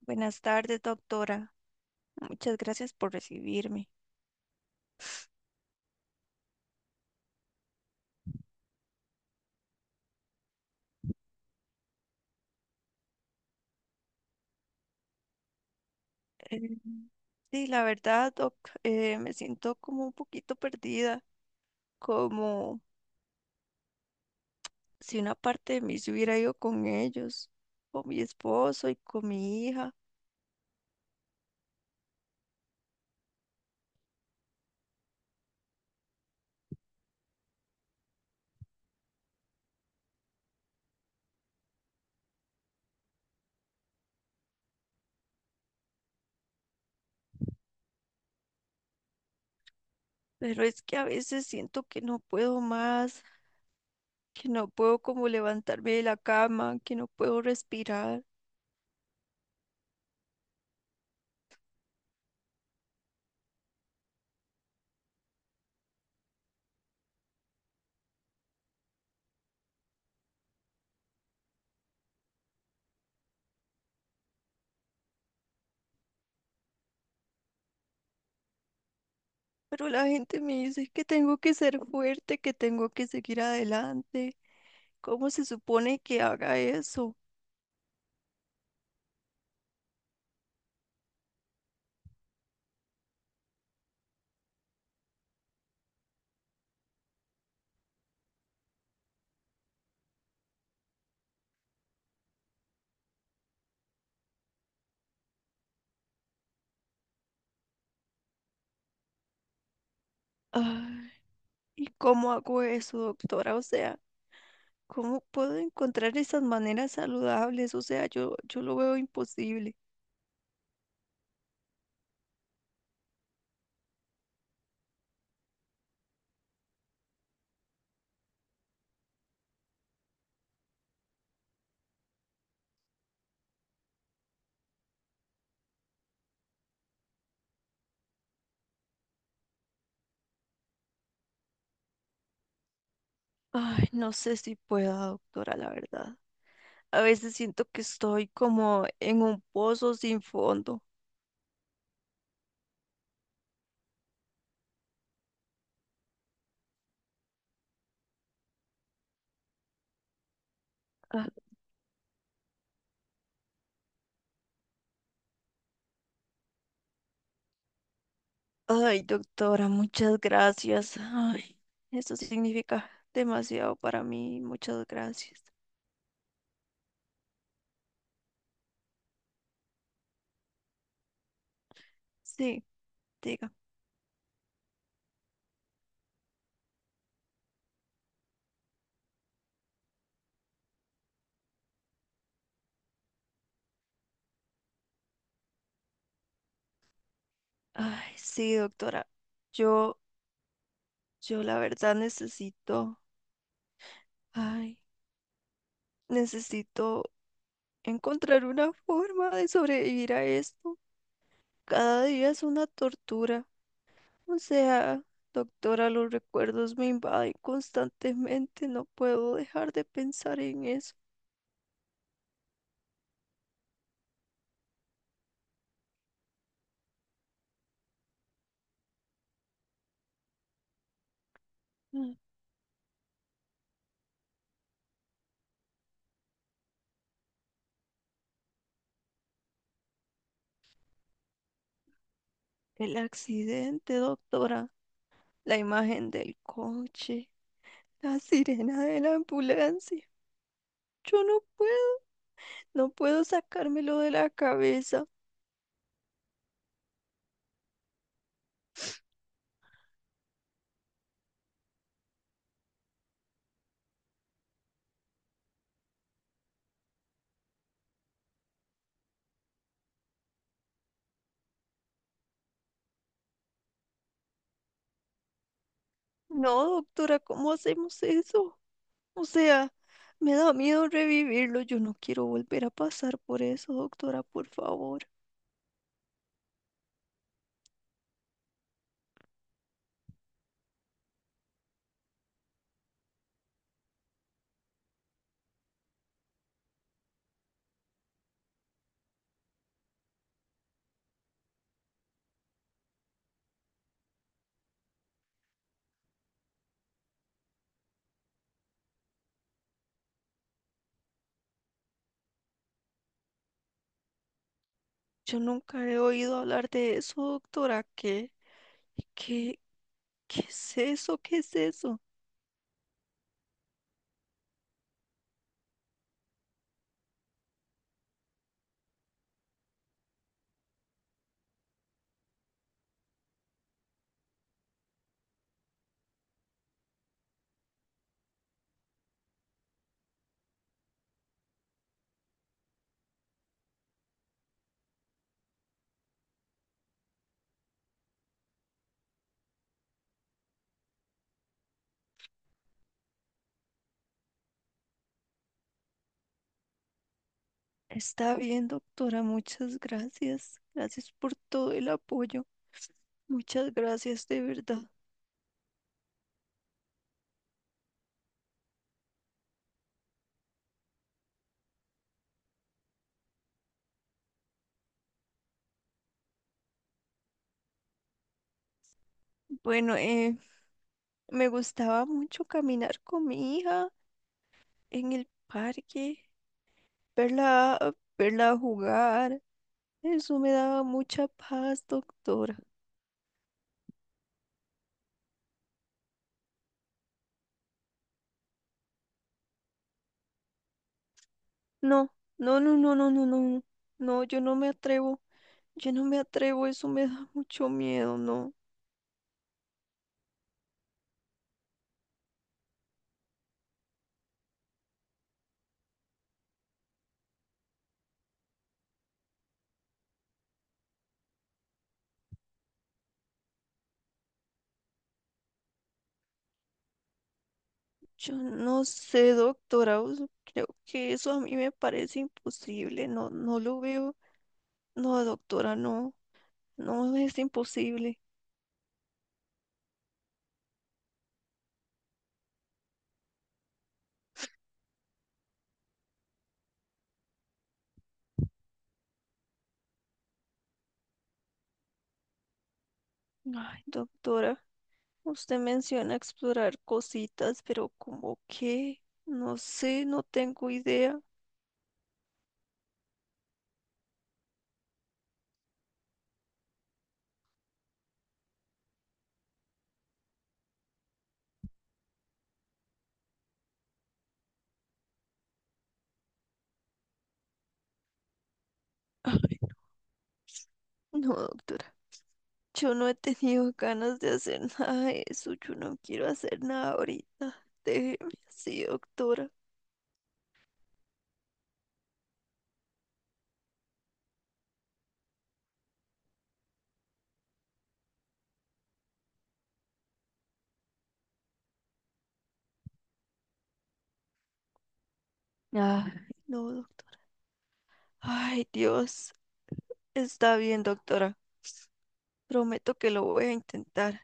Buenas tardes, doctora. Muchas gracias por recibirme. Eh, sí, la verdad, doc, me siento como un poquito perdida, como si una parte de mí se hubiera ido con ellos, con mi esposo y con mi hija. Pero es que a veces siento que no puedo más, que no puedo como levantarme de la cama, que no puedo respirar. Pero la gente me dice que tengo que ser fuerte, que tengo que seguir adelante. ¿Cómo se supone que haga eso? Ay, ¿y cómo hago eso, doctora? O sea, ¿cómo puedo encontrar esas maneras saludables? O sea, yo lo veo imposible. Ay, no sé si pueda, doctora, la verdad. A veces siento que estoy como en un pozo sin fondo. Ah, ay, doctora, muchas gracias. Ay, eso significa demasiado para mí. Muchas gracias. Sí, diga. Ay, sí, doctora. Yo, yo la verdad necesito. Ay. Necesito encontrar una forma de sobrevivir a esto. Cada día es una tortura. O sea, doctora, los recuerdos me invaden constantemente. No puedo dejar de pensar en eso. Mm. El accidente, doctora. La imagen del coche. La sirena de la ambulancia. Yo no puedo. No puedo sacármelo de la cabeza. No, doctora, ¿cómo hacemos eso? O sea... me da miedo revivirlo. Yo no quiero volver a pasar por eso, doctora, por favor. Yo nunca he oído hablar de eso, doctora. ¿Qué? ¿Qué? ¿Qué es eso? ¿Qué es eso? Está bien, doctora. Muchas gracias. Gracias por todo el apoyo. Muchas gracias, de verdad. Bueno, me gustaba mucho caminar con mi hija en el parque, verla, verla jugar. Eso me daba mucha paz, doctora. No, no, no, no, no, no, no, no, no, yo no me atrevo, yo no me atrevo, eso me da mucho miedo. No, yo no sé, doctora, creo que eso a mí me parece imposible, no, no lo veo, no, doctora, no, no es imposible. Ay, doctora, usted menciona explorar cositas, pero ¿cómo qué? No sé, no tengo idea. No, doctora. Yo no he tenido ganas de hacer nada de eso. Yo no quiero hacer nada ahorita. Déjeme así, doctora. Ay, no, ay, Dios. Está bien, doctora. Prometo que lo voy a intentar.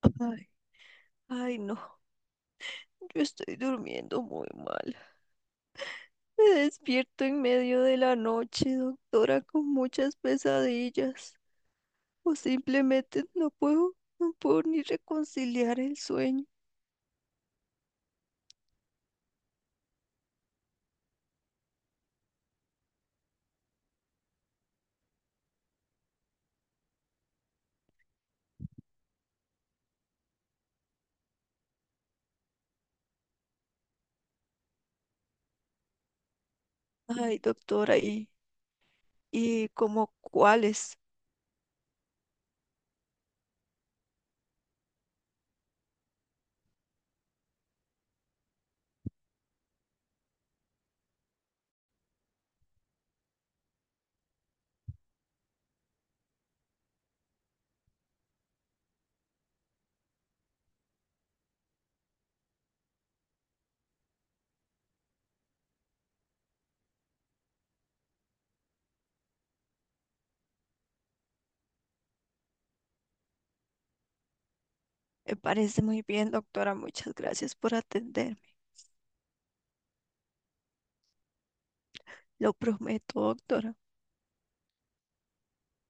Ay, ay, no. Yo estoy durmiendo muy mal. Me despierto en medio de la noche, doctora, con muchas pesadillas. O simplemente no puedo, no puedo ni reconciliar el sueño. Ay, doctora, y como cuáles? Me parece muy bien, doctora. Muchas gracias por atenderme. Lo prometo, doctora.